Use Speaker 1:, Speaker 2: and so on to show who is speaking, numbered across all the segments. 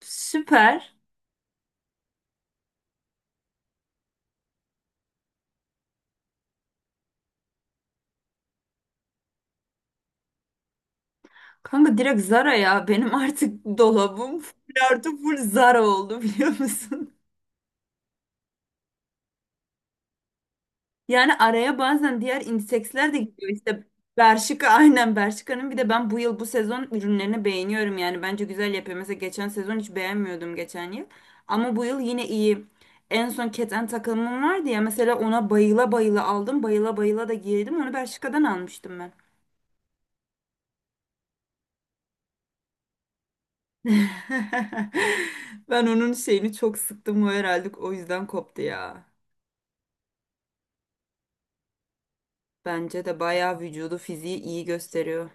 Speaker 1: Süper. Kanka direkt Zara ya. Benim artık dolabım full artı full Zara oldu biliyor musun? Yani araya bazen diğer indiseksler de gidiyor. İşte Bershka aynen. Bershka'nın bir de ben bu yıl bu sezon ürünlerini beğeniyorum yani. Bence güzel yapıyor. Mesela geçen sezon hiç beğenmiyordum geçen yıl. Ama bu yıl yine iyi. En son keten takımım vardı ya mesela ona bayıla bayıla aldım. Bayıla bayıla da giydim. Onu Bershka'dan almıştım ben. Ben onun şeyini çok sıktım o herhalde o yüzden koptu ya. Bence de bayağı vücudu fiziği iyi gösteriyor.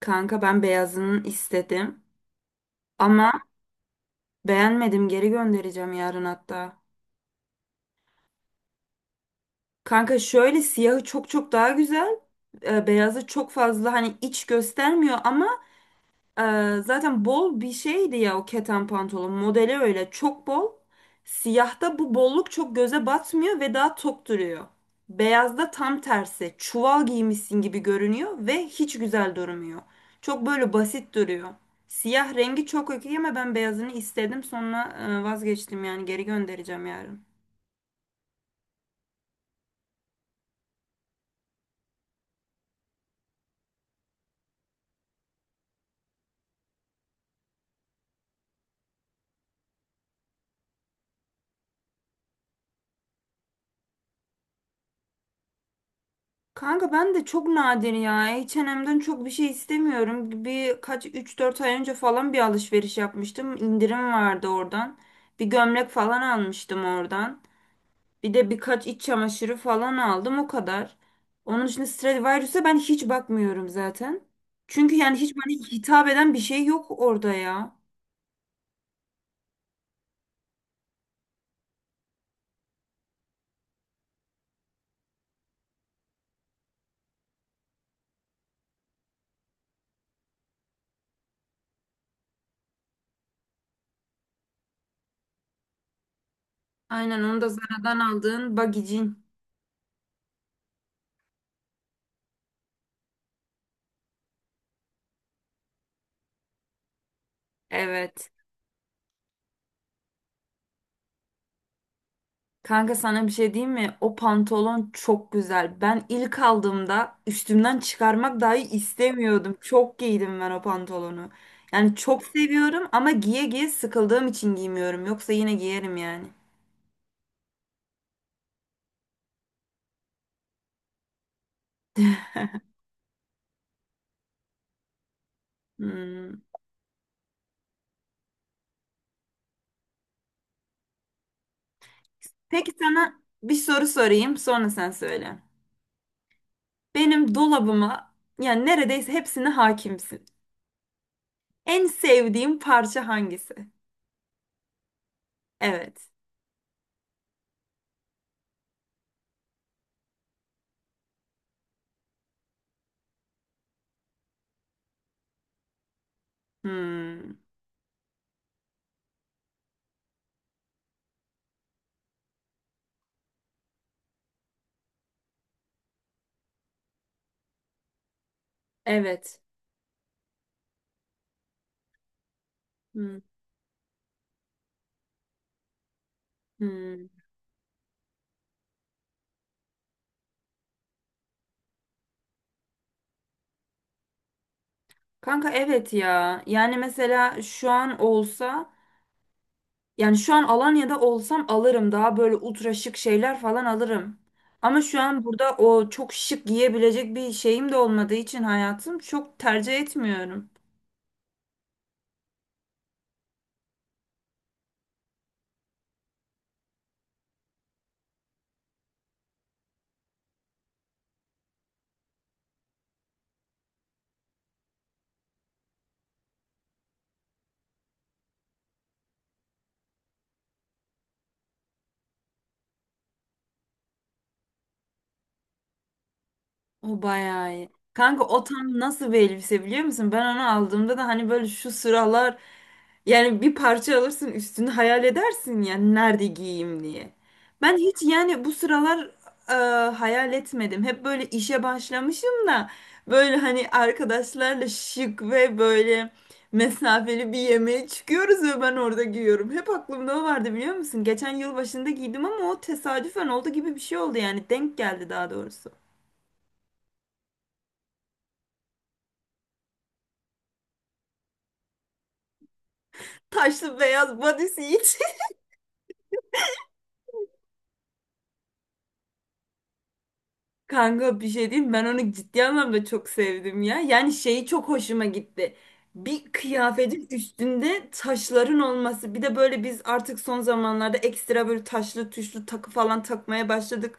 Speaker 1: Kanka ben beyazını istedim ama beğenmedim, geri göndereceğim yarın hatta. Kanka şöyle, siyahı çok çok daha güzel. Beyazı çok fazla hani iç göstermiyor ama zaten bol bir şeydi ya o keten pantolon modeli, öyle çok bol. Siyahta bu bolluk çok göze batmıyor ve daha tok duruyor. Beyazda tam tersi çuval giymişsin gibi görünüyor ve hiç güzel durmuyor. Çok böyle basit duruyor. Siyah rengi çok okey ama ben beyazını istedim, sonra vazgeçtim yani, geri göndereceğim yarın. Kanka ben de çok nadir ya. H&M'den çok bir şey istemiyorum. Bir kaç üç dört ay önce falan bir alışveriş yapmıştım. İndirim vardı oradan. Bir gömlek falan almıştım oradan. Bir de birkaç iç çamaşırı falan aldım o kadar. Onun dışında Stradivarius'a ben hiç bakmıyorum zaten. Çünkü yani hiç bana hitap eden bir şey yok orada ya. Aynen, onu da Zara'dan aldığın bagicin. Evet. Kanka sana bir şey diyeyim mi? O pantolon çok güzel. Ben ilk aldığımda üstümden çıkarmak dahi istemiyordum. Çok giydim ben o pantolonu. Yani çok seviyorum ama giye giye sıkıldığım için giymiyorum. Yoksa yine giyerim yani. Hmm. Peki sana bir soru sorayım, sonra sen söyle. Benim dolabıma yani neredeyse hepsine hakimsin. En sevdiğim parça hangisi? Evet. Hmm. Evet. Hmm. Hmm. Kanka evet ya. Yani mesela şu an olsa, yani şu an Alanya'da olsam alırım. Daha böyle ultra şık şeyler falan alırım. Ama şu an burada o çok şık giyebilecek bir şeyim de olmadığı için hayatım, çok tercih etmiyorum. O bayağı iyi. Kanka o tam nasıl bir elbise biliyor musun? Ben onu aldığımda da hani böyle şu sıralar, yani bir parça alırsın üstünü hayal edersin yani nerede giyeyim diye. Ben hiç yani bu sıralar e, hayal etmedim. Hep böyle işe başlamışım da böyle hani arkadaşlarla şık ve böyle mesafeli bir yemeğe çıkıyoruz ve ben orada giyiyorum. Hep aklımda o vardı biliyor musun? Geçen yıl başında giydim ama o tesadüfen oldu gibi bir şey oldu yani, denk geldi daha doğrusu. Taşlı beyaz bodysuit. Kanka bir şey diyeyim, ben onu ciddi anlamda çok sevdim ya. Yani şeyi çok hoşuma gitti. Bir kıyafetin üstünde taşların olması. Bir de böyle biz artık son zamanlarda ekstra böyle taşlı tuşlu takı falan takmaya başladık.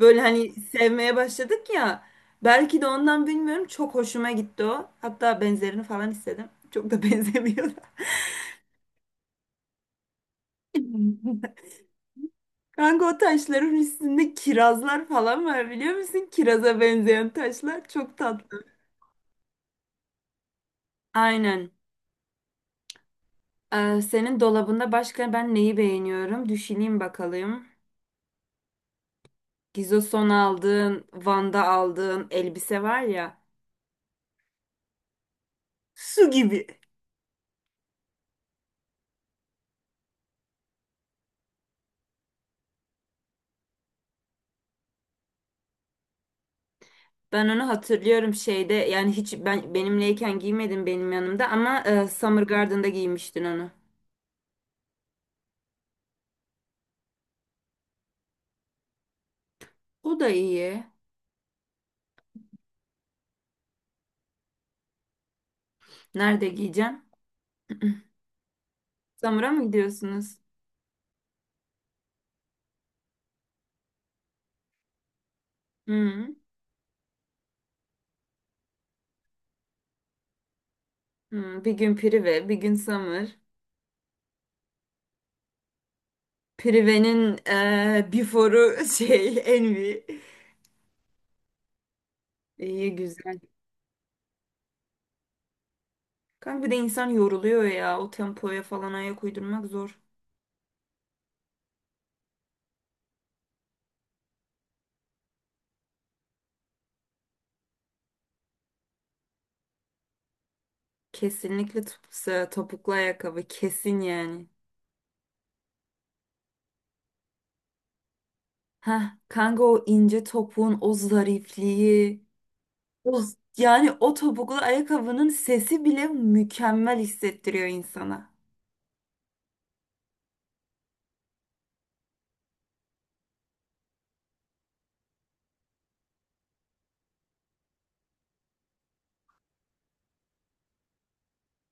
Speaker 1: Böyle hani sevmeye başladık ya. Belki de ondan bilmiyorum, çok hoşuma gitti o. Hatta benzerini falan istedim. Çok da benzemiyor. Kanka o taşların üstünde kirazlar falan var biliyor musun? Kiraza benzeyen taşlar çok tatlı. Aynen. Senin dolabında başka ben neyi beğeniyorum? Düşüneyim bakalım. Gizos'tan aldığın, Van'da aldığın elbise var ya. Su gibi. Ben onu hatırlıyorum şeyde, yani hiç ben benimleyken giymedin, benim yanımda ama Summer Garden'da giymiştin onu. O da iyi. Nerede giyeceksin? Summer'a mı gidiyorsunuz? Hı. Hı. Bir gün Prive, bir gün Summer. Prive'nin before'u şey Envy. İyi güzel. Kanka bir de insan yoruluyor ya. O tempoya falan ayak uydurmak zor. Kesinlikle topuklu ayakkabı. Kesin yani. Heh, kanka o ince topuğun o zarifliği. O, yani o topuklu ayakkabının sesi bile mükemmel hissettiriyor insana.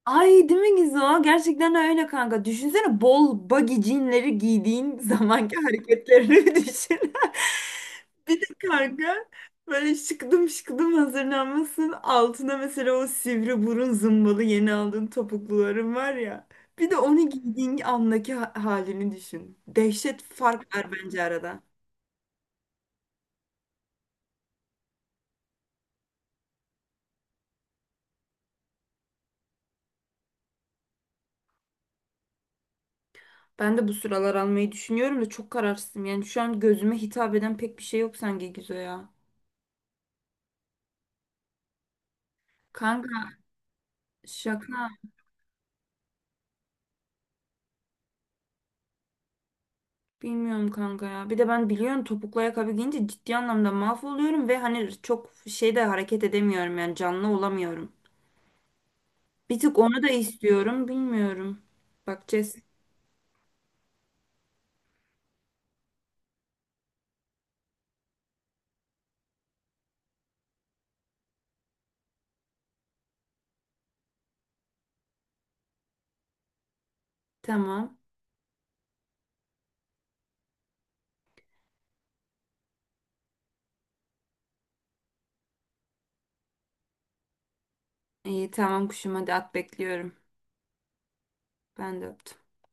Speaker 1: Ay değil mi Gizo? Gerçekten öyle kanka. Düşünsene bol baggy jeanleri giydiğin zamanki hareketlerini bir düşün. Bir de kanka böyle şıkıdım şıkıdım hazırlanmasın. Altına mesela o sivri burun zımbalı yeni aldığın topukluların var ya. Bir de onu giydiğin andaki halini düşün. Dehşet fark var bence arada. Ben de bu sıralar almayı düşünüyorum da çok kararsızım. Yani şu an gözüme hitap eden pek bir şey yok sanki Gizo ya. Kanka şaka. Bilmiyorum kanka ya. Bir de ben biliyorum, topuklu ayakkabı giyince ciddi anlamda mahvoluyorum ve hani çok şeyde hareket edemiyorum yani, canlı olamıyorum. Bir tık onu da istiyorum. Bilmiyorum. Bakacağız. Tamam. İyi tamam kuşum, hadi at bekliyorum. Ben de öptüm.